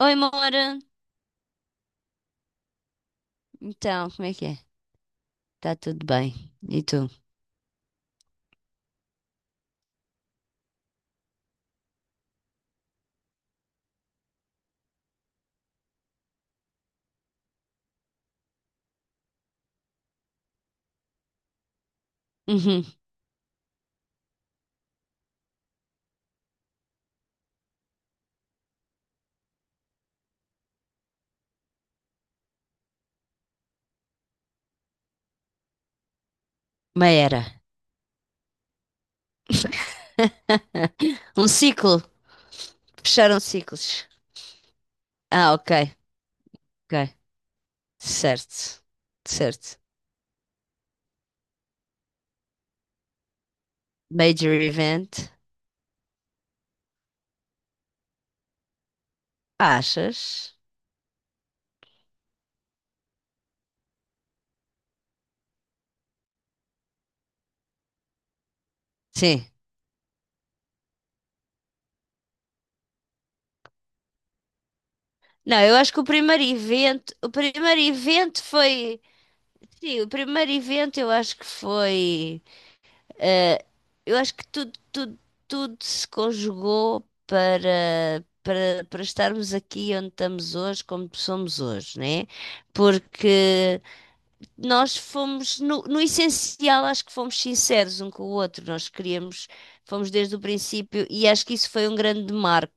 Oi, Mora. Então, como é que é? Tá tudo bem. E tu? Uhum. Uma era. Um ciclo. Fecharam ciclos. Ah, ok. Ok. Certo. Certo. Major event. Achas? Sim. Não, eu acho que o primeiro evento. O primeiro evento foi. Sim, o primeiro evento eu acho que foi. Eh, eu acho que tudo se conjugou para estarmos aqui onde estamos hoje, como somos hoje, né? Porque nós fomos, no essencial, acho que fomos sinceros um com o outro. Nós queríamos, fomos desde o princípio, e acho que isso foi um grande marco.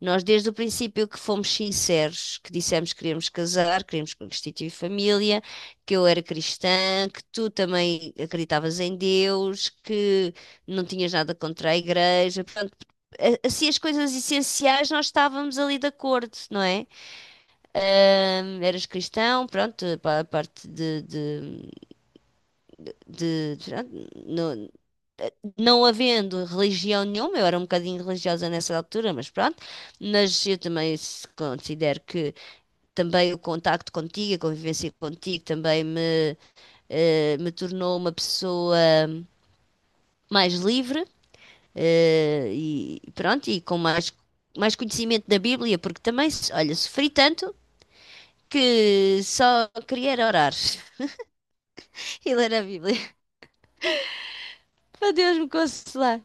Nós, desde o princípio, que fomos sinceros, que dissemos que queríamos casar, queríamos constituir família, que eu era cristã, que tu também acreditavas em Deus, que não tinhas nada contra a igreja. Portanto, assim, as coisas essenciais nós estávamos ali de acordo, não é? Eras cristão, pronto, a parte de pronto, no- não havendo religião nenhuma, eu era um bocadinho religiosa nessa altura, mas pronto, mas eu também considero que também o contacto contigo, a convivência contigo também me, me tornou uma pessoa mais livre, e pronto, e com mais, mais conhecimento da Bíblia, porque também, olha, sofri tanto que só queria era orar. E ler a Bíblia. Para Deus me consolar.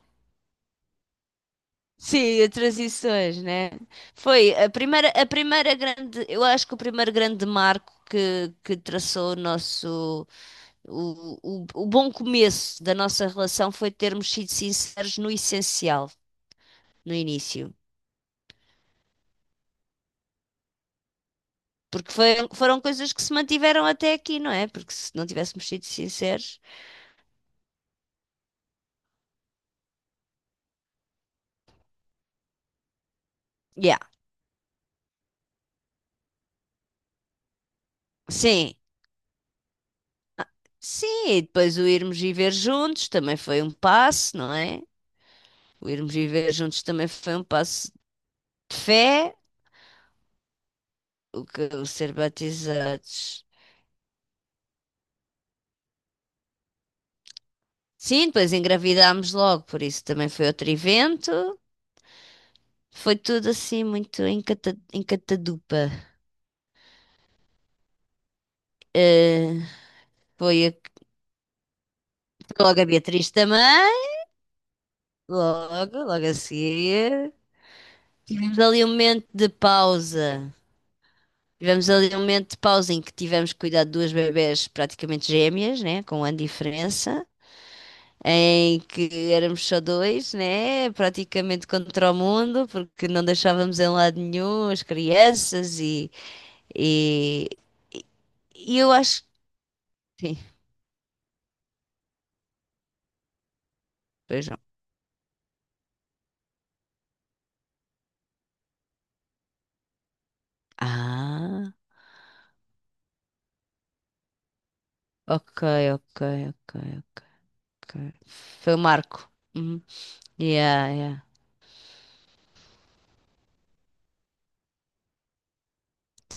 Sim, a transições, né? Foi a primeira grande, eu acho que o primeiro grande marco que traçou o nosso, o bom começo da nossa relação foi termos sido sinceros no essencial, no início. Porque foram coisas que se mantiveram até aqui, não é? Porque se não tivéssemos sido sinceros. Yeah. Sim, sim, e depois o irmos viver juntos também foi um passo, não é? O irmos viver juntos também foi um passo de fé, o que o ser batizados. Sim, depois engravidámos logo, por isso também foi outro evento. Foi tudo assim muito em, cata, em catadupa. Eh, foi logo a Beatriz também, logo a seguir. Tivemos ali um momento de pausa. Tivemos ali um momento de pausa em que tivemos que cuidar de duas bebés praticamente gêmeas, né? Com um ano de diferença. Em que éramos só dois, né? Praticamente contra o mundo, porque não deixávamos em lado nenhum as crianças e e eu acho que sim, pois não. Ah, ok, ok, ok, ok. Foi o Marco. Uhum. Yeah, yeah.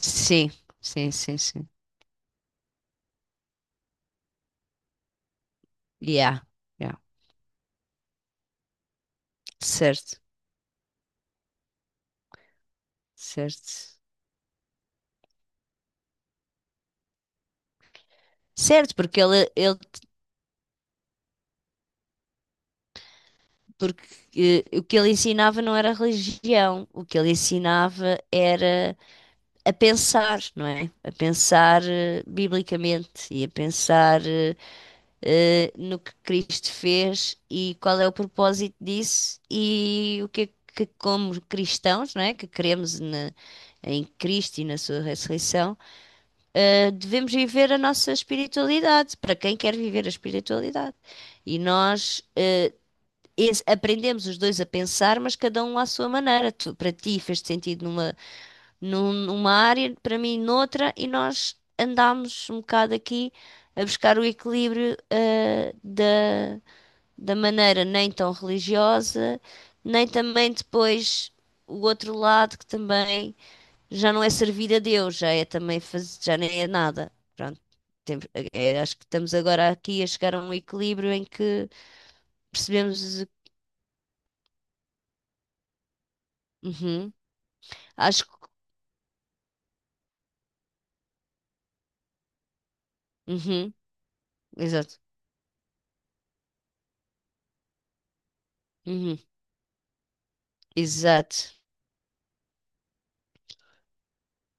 Sim, sim, sim, sim. Yeah, yeah. Certo, certo. Certo, porque ele porque o que ele ensinava não era religião, o que ele ensinava era a pensar, não é? A pensar biblicamente e a pensar no que Cristo fez e qual é o propósito disso e o que é que, como cristãos, não é? Que queremos em Cristo e na sua ressurreição, devemos viver a nossa espiritualidade, para quem quer viver a espiritualidade. E nós aprendemos os dois a pensar, mas cada um à sua maneira. Para ti fez sentido numa numa área, para mim noutra, e nós andámos um bocado aqui a buscar o equilíbrio, da, da maneira nem tão religiosa, nem também depois o outro lado que também já não é servir a Deus, já é também fazer, já nem é nada. Pronto. Temos- é, acho que estamos agora aqui a chegar a um equilíbrio em que percebemos. Uhum, acho que. Uhum, exato. Uhum, exato.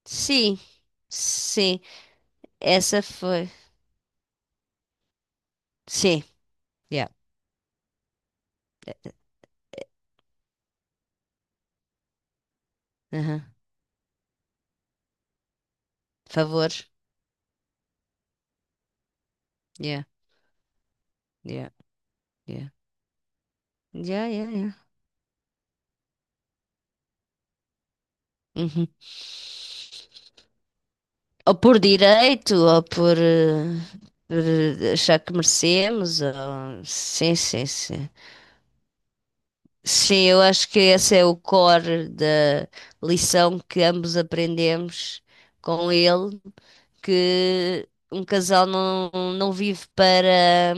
Sim, sim. Essa foi. Sim, yeah. Aham. Favores. Yeah, yeah, yeah. Yeah, yeah, yeah. Uhum. Ou por direito, ou por, por, achar que merecemos. Ou... Sim, sim, sim. Sim, eu acho que esse é o core da lição que ambos aprendemos com ele, que um casal não, não vive para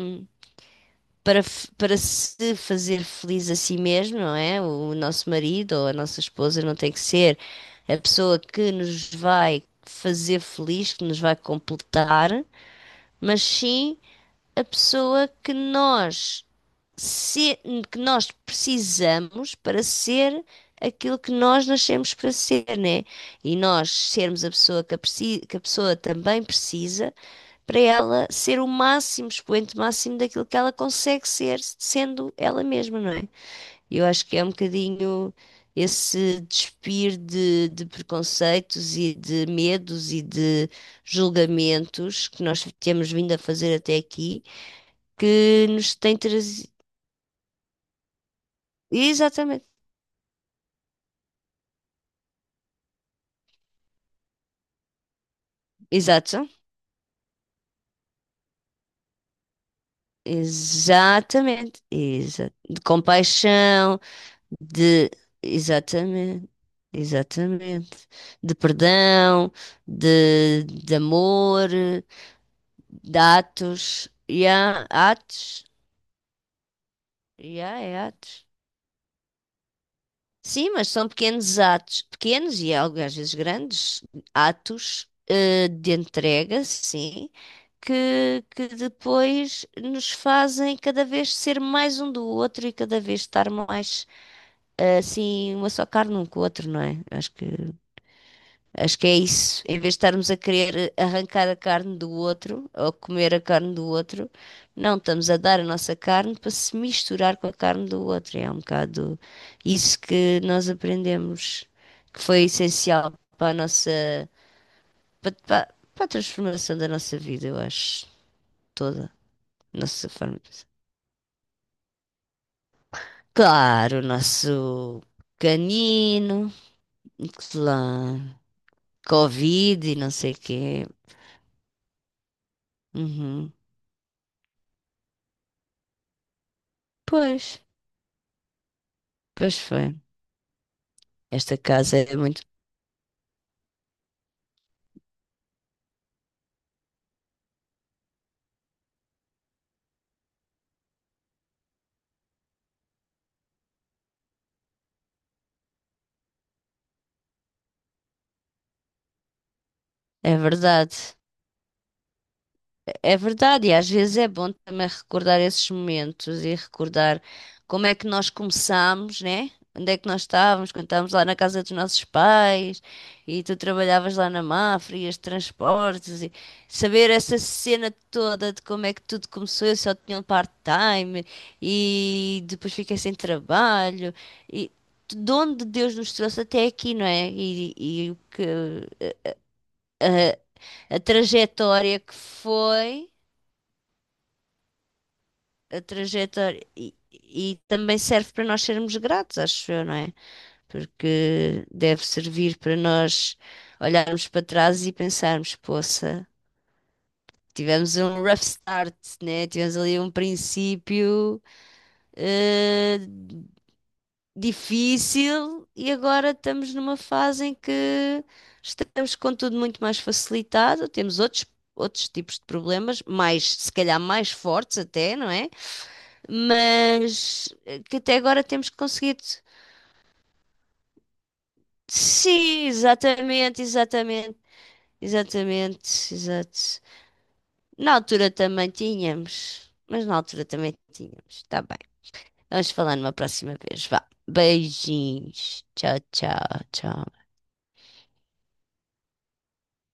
para se fazer feliz a si mesmo, não é? O nosso marido ou a nossa esposa não tem que ser a pessoa que nos vai fazer feliz, que nos vai completar, mas sim a pessoa que nós se- que nós precisamos para ser aquilo que nós nascemos para ser, né? E nós sermos a pessoa que a, que a pessoa também precisa para ela ser o máximo, expoente máximo daquilo que ela consegue ser, sendo ela mesma, não é? Eu acho que é um bocadinho esse despir de preconceitos e de medos e de julgamentos que nós temos vindo a fazer até aqui, que nos tem trazido. Exatamente, exato. Exatamente, de compaixão, de exatamente, exatamente, de perdão, de amor, de atos, e há é atos. Sim, mas são pequenos atos, pequenos e algo às vezes grandes atos de entrega, sim, que depois nos fazem cada vez ser mais um do outro e cada vez estar mais assim, uma só carne um com o outro, não é? Acho que acho que é isso. Em vez de estarmos a querer arrancar a carne do outro ou comer a carne do outro, não, estamos a dar a nossa carne para se misturar com a carne do outro. É um bocado isso que nós aprendemos, que foi essencial para a nossa, para a transformação da nossa vida, eu acho, toda, nossa forma de pensar. Claro, o nosso canino, claro, Covid e não sei o quê. Uhum. Pois, pois foi. Esta casa é muito. É verdade. É verdade. E às vezes é bom também recordar esses momentos e recordar como é que nós começámos, né? Onde é que nós estávamos quando estávamos lá na casa dos nossos pais e tu trabalhavas lá na Mafra e os transportes e saber essa cena toda de como é que tudo começou. Eu só tinha um part-time e depois fiquei sem trabalho e de onde Deus nos trouxe até aqui, não é? E o que a trajetória que foi, a trajetória. E também serve para nós sermos gratos, acho eu, não é? Porque deve servir para nós olharmos para trás e pensarmos, poça, tivemos um rough start, né? Tivemos ali um princípio eh, difícil e agora estamos numa fase em que estamos com tudo muito mais facilitado, temos outros tipos de problemas, mais, se calhar mais fortes até, não é? Mas que até agora temos conseguido. Sim, exatamente, exatamente, exatamente, exato. Na altura também tínhamos, mas na altura também tínhamos. Tá bem. Vamos falar numa próxima vez. Vá. Beijinhos. Tchau, tchau, tchau.